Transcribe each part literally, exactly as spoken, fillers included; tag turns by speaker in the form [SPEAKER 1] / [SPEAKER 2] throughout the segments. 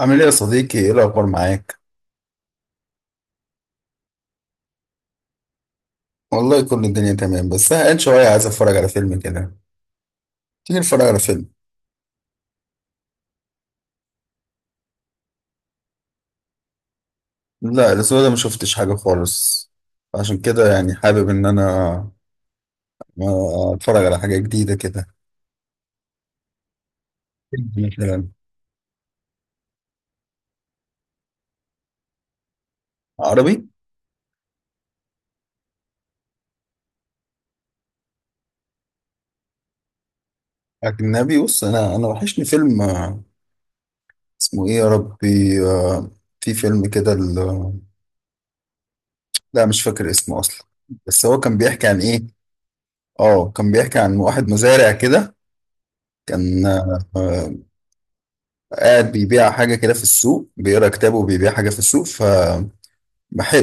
[SPEAKER 1] عامل ايه يا صديقي؟ ايه الاخبار معاك؟ والله، كل الدنيا تمام، بس زهقان شويه، عايز اتفرج على فيلم كده. تيجي نتفرج على فيلم؟ لا، الاسبوع ده ما شفتش حاجه خالص. عشان كده يعني حابب ان انا آه، اتفرج على حاجه جديده كده. فيلم مثلا عربي، اجنبي. بص، انا انا وحشني فيلم. آه، اسمه ايه يا ربي؟ آه، في فيلم كده ال- لا، مش فاكر اسمه اصلا. بس هو كان بيحكي عن ايه؟ اه كان بيحكي عن واحد مزارع كده. كان آه، قاعد بيبيع حاجة كده في السوق، بيقرا كتابه وبيبيع حاجة في السوق، فمحل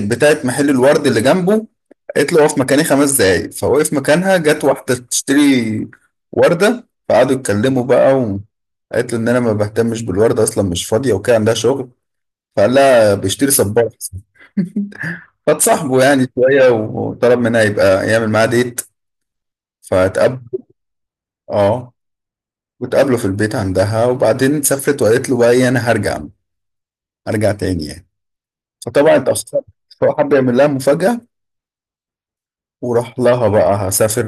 [SPEAKER 1] بتاعة محل الورد اللي جنبه قالت له اقف مكاني خمس دقايق. فوقف مكانها. جت واحدة تشتري وردة، فقعدوا يتكلموا بقى، وقالت له إن أنا ما بهتمش بالوردة أصلا، مش فاضية وكده، عندها شغل. فقال لها بيشتري صباح. فاتصاحبوا يعني شوية، وطلب منها يبقى يعمل معاها ديت، فتقابلوا. اه، وتقابلوا في البيت عندها، وبعدين سافرت وقالت له بقى إيه، أنا هرجع، هرجع تاني يعني. فطبعا اتأخرت. فهو حب يعمل لها مفاجأة وراح لها. بقى هسافر،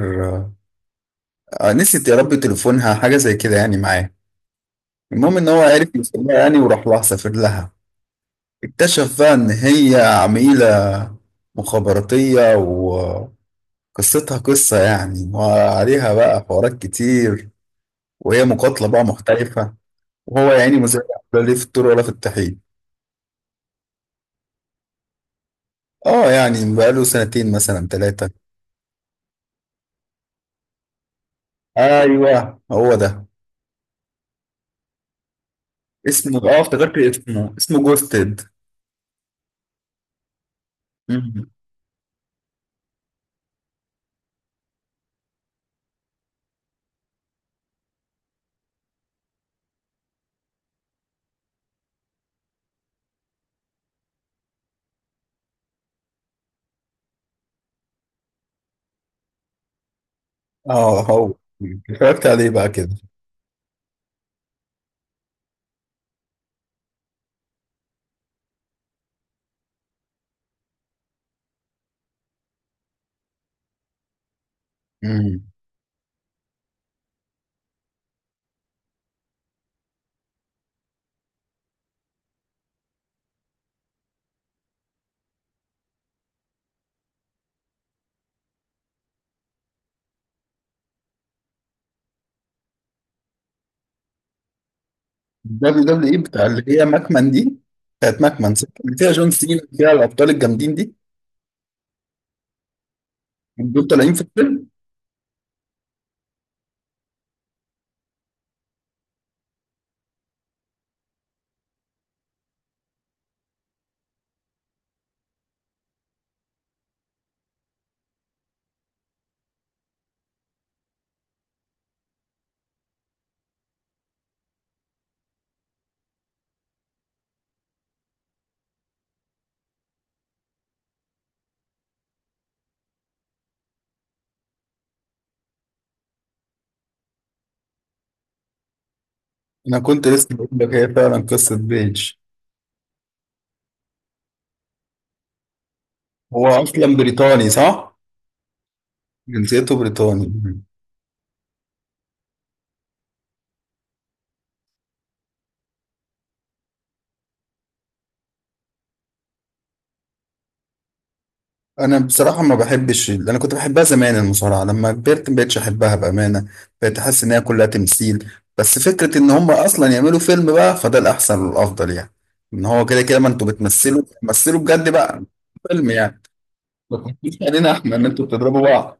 [SPEAKER 1] آه، نسيت يا ربي تليفونها حاجة زي كده يعني معاه. المهم ان هو عرف يوصلها يعني، وراح لها، سافر لها. اكتشف بقى ان هي عميلة مخابراتية، وقصتها قصة يعني، وعليها بقى حوارات كتير، وهي مقاتلة بقى محترفة، وهو يعني مزارع، لا ليه في الطور ولا في الطحين. اه يعني بقاله سنتين مثلا ثلاثة. ايوه، هو ده. اسمه، اه افتكرت اسمه اسمه جوستد. مم. اه، هو. اتفرجت عليه بقى كده؟ مم. دبليو دبليو اي بتاع اللي هي ماكمان دي؟ بتاعت ماكمان صح؟ اللي فيها جون سينا، فيها الابطال الجامدين دي. دول طالعين في الفيلم؟ انا كنت لسه بقول لك هي فعلا قصه بيج. هو اصلا بريطاني صح؟ جنسيته بريطاني. انا بصراحه ما بحبش، انا كنت بحبها زمان المصارعه، لما كبرت ما بقتش احبها بامانه. بقيت احس ان هي كلها تمثيل. بس فكره ان هم اصلا يعملوا فيلم بقى فده الاحسن والافضل يعني. ان هو كده كده ما انتوا بتمثلوا، بتمثلوا بجد بقى فيلم يعني. ما تحكيش علينا احنا ان انتوا بتضربوا بعض.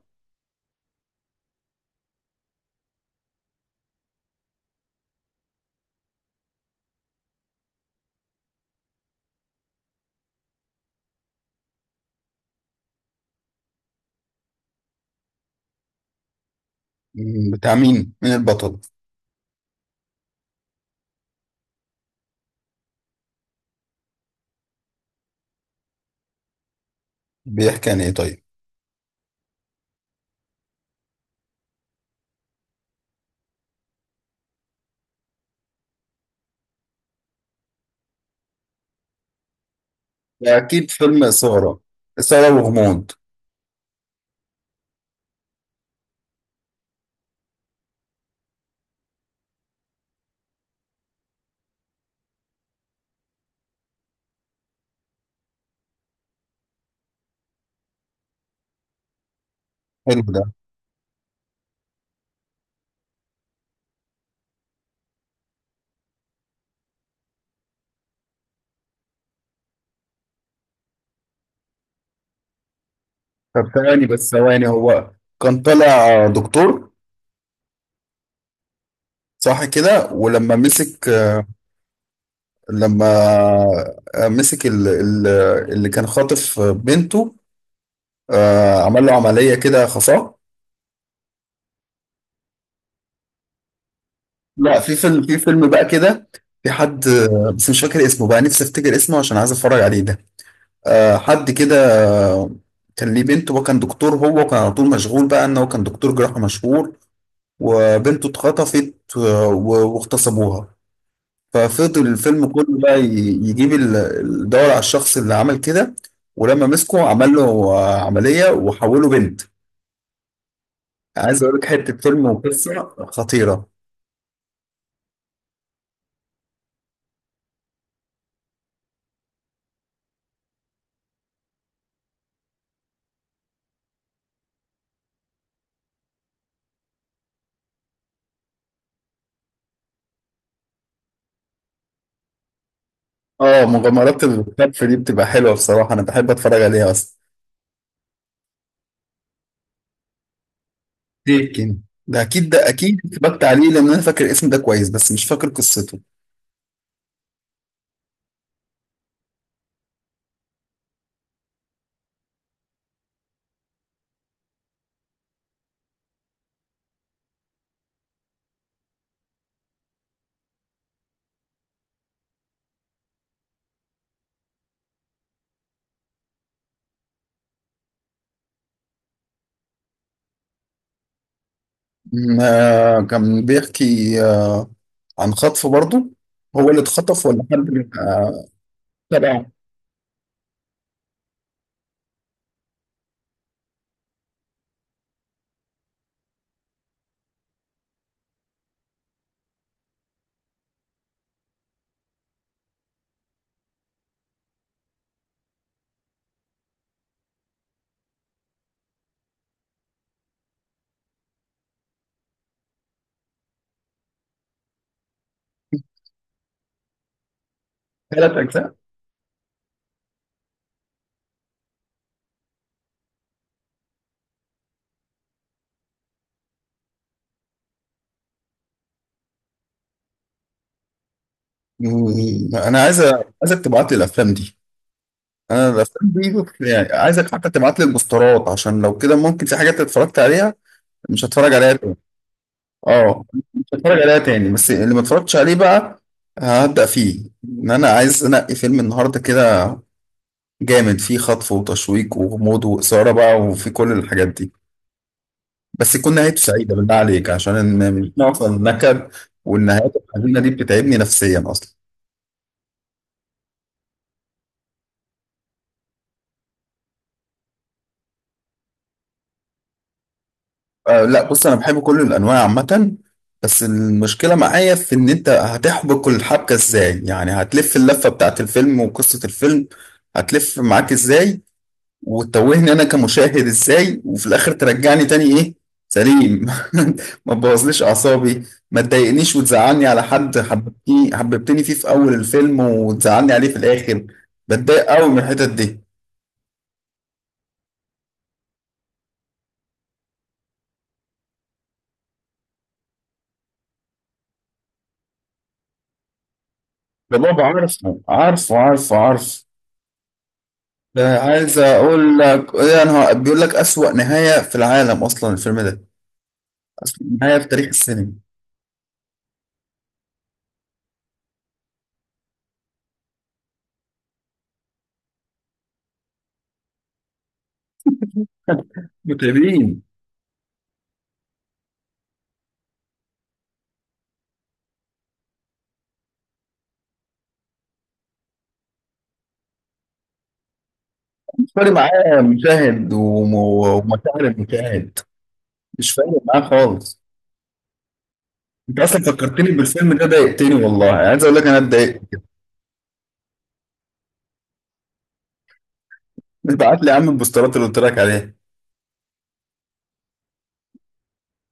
[SPEAKER 1] مم، بتاع مين مين البطل؟ بيحكي عن ايه طيب؟ اكيد فيلم اثاره. اثاره وغموض. حلو ده. طب ثواني، بس ثواني، هو كان طالع دكتور صح كده؟ ولما مسك، لما آه، مسك ال- ال- اللي كان خاطف بنته، آه، عمل له عملية كده خفاء. لا، في فيلم في فيلم بقى كده، في حد آه، بس مش فاكر اسمه بقى، نفسي افتكر اسمه عشان عايز اتفرج عليه ده. آه، حد كده آه، كان ليه بنته، وكان دكتور هو، وكان على طول مشغول بقى ان هو كان دكتور جراحة مشهور. وبنته اتخطفت آه، و- واغتصبوها. ففضل الفيلم كله بقى ي- يجيب ال- الدور على الشخص اللي عمل كده. ولما مسكه عمل له آه، عملية وحوله بنت. عايز اقول لك حتة فيلم وقصة خطيرة. اه، مغامرات الكتف دي بتبقى حلوة بصراحة، انا بحب اتفرج عليها اصلا. تيكن، ده اكيد، ده اكيد اتفرجت عليه، لان انا فاكر الاسم ده كويس، بس مش فاكر قصته. م- آه، كان بيحكي آه، عن خطف برضه. هو اللي اتخطف ولا حد آه، تبع؟ ثلاث اجزاء؟ مم. انا عايز عايزك تبعت لي الافلام دي. انا الافلام دي يعني عايزك حتى تبعت لي البوسترات، عشان لو كده ممكن في حاجات اتفرجت عليها مش هتفرج عليها تاني. اه، مش هتفرج عليها تاني، بس اللي ما اتفرجتش عليه بقى هبدأ فيه، ان انا عايز انقي فيلم النهارده كده جامد، فيه خطف وتشويق وغموض واثاره بقى، وفي كل الحاجات دي. بس يكون نهايته سعيده بالله عليك، عشان إن- مش نوصل النكد، والنهايات الحزينه دي بتتعبني نفسيا اصلا. آه، لا، بص انا بحب كل الانواع عامه. بس المشكله معايا في ان انت هتحبك الحبكه ازاي يعني، هتلف اللفه بتاعت الفيلم وقصه الفيلم هتلف معاك ازاي، وتوهني انا كمشاهد ازاي، وفي الاخر ترجعني تاني ايه؟ سليم. ما تبوظليش اعصابي، ما تضايقنيش وتزعلني على حد حببتني حببتني فيه في اول الفيلم وتزعلني عليه في الاخر. بتضايق قوي من الحتت دي. ده بابا، عارفه، عارفه، عارفه، عارفه. ده عايز اقول لك ايه، انا بيقول لك اسوأ نهاية في العالم اصلا الفيلم ده. اسوأ نهاية في تاريخ السينما. متعبين. مش فارق معاه مشاهد، وم- ومشاعر المشاهد. مش فارق معاه خالص. انت اصلا فكرتني بالفيلم ده، ضايقتني والله، عايز اقول لك انا اتضايقت. ابعت لي يا عم البوسترات اللي قلت لك عليها.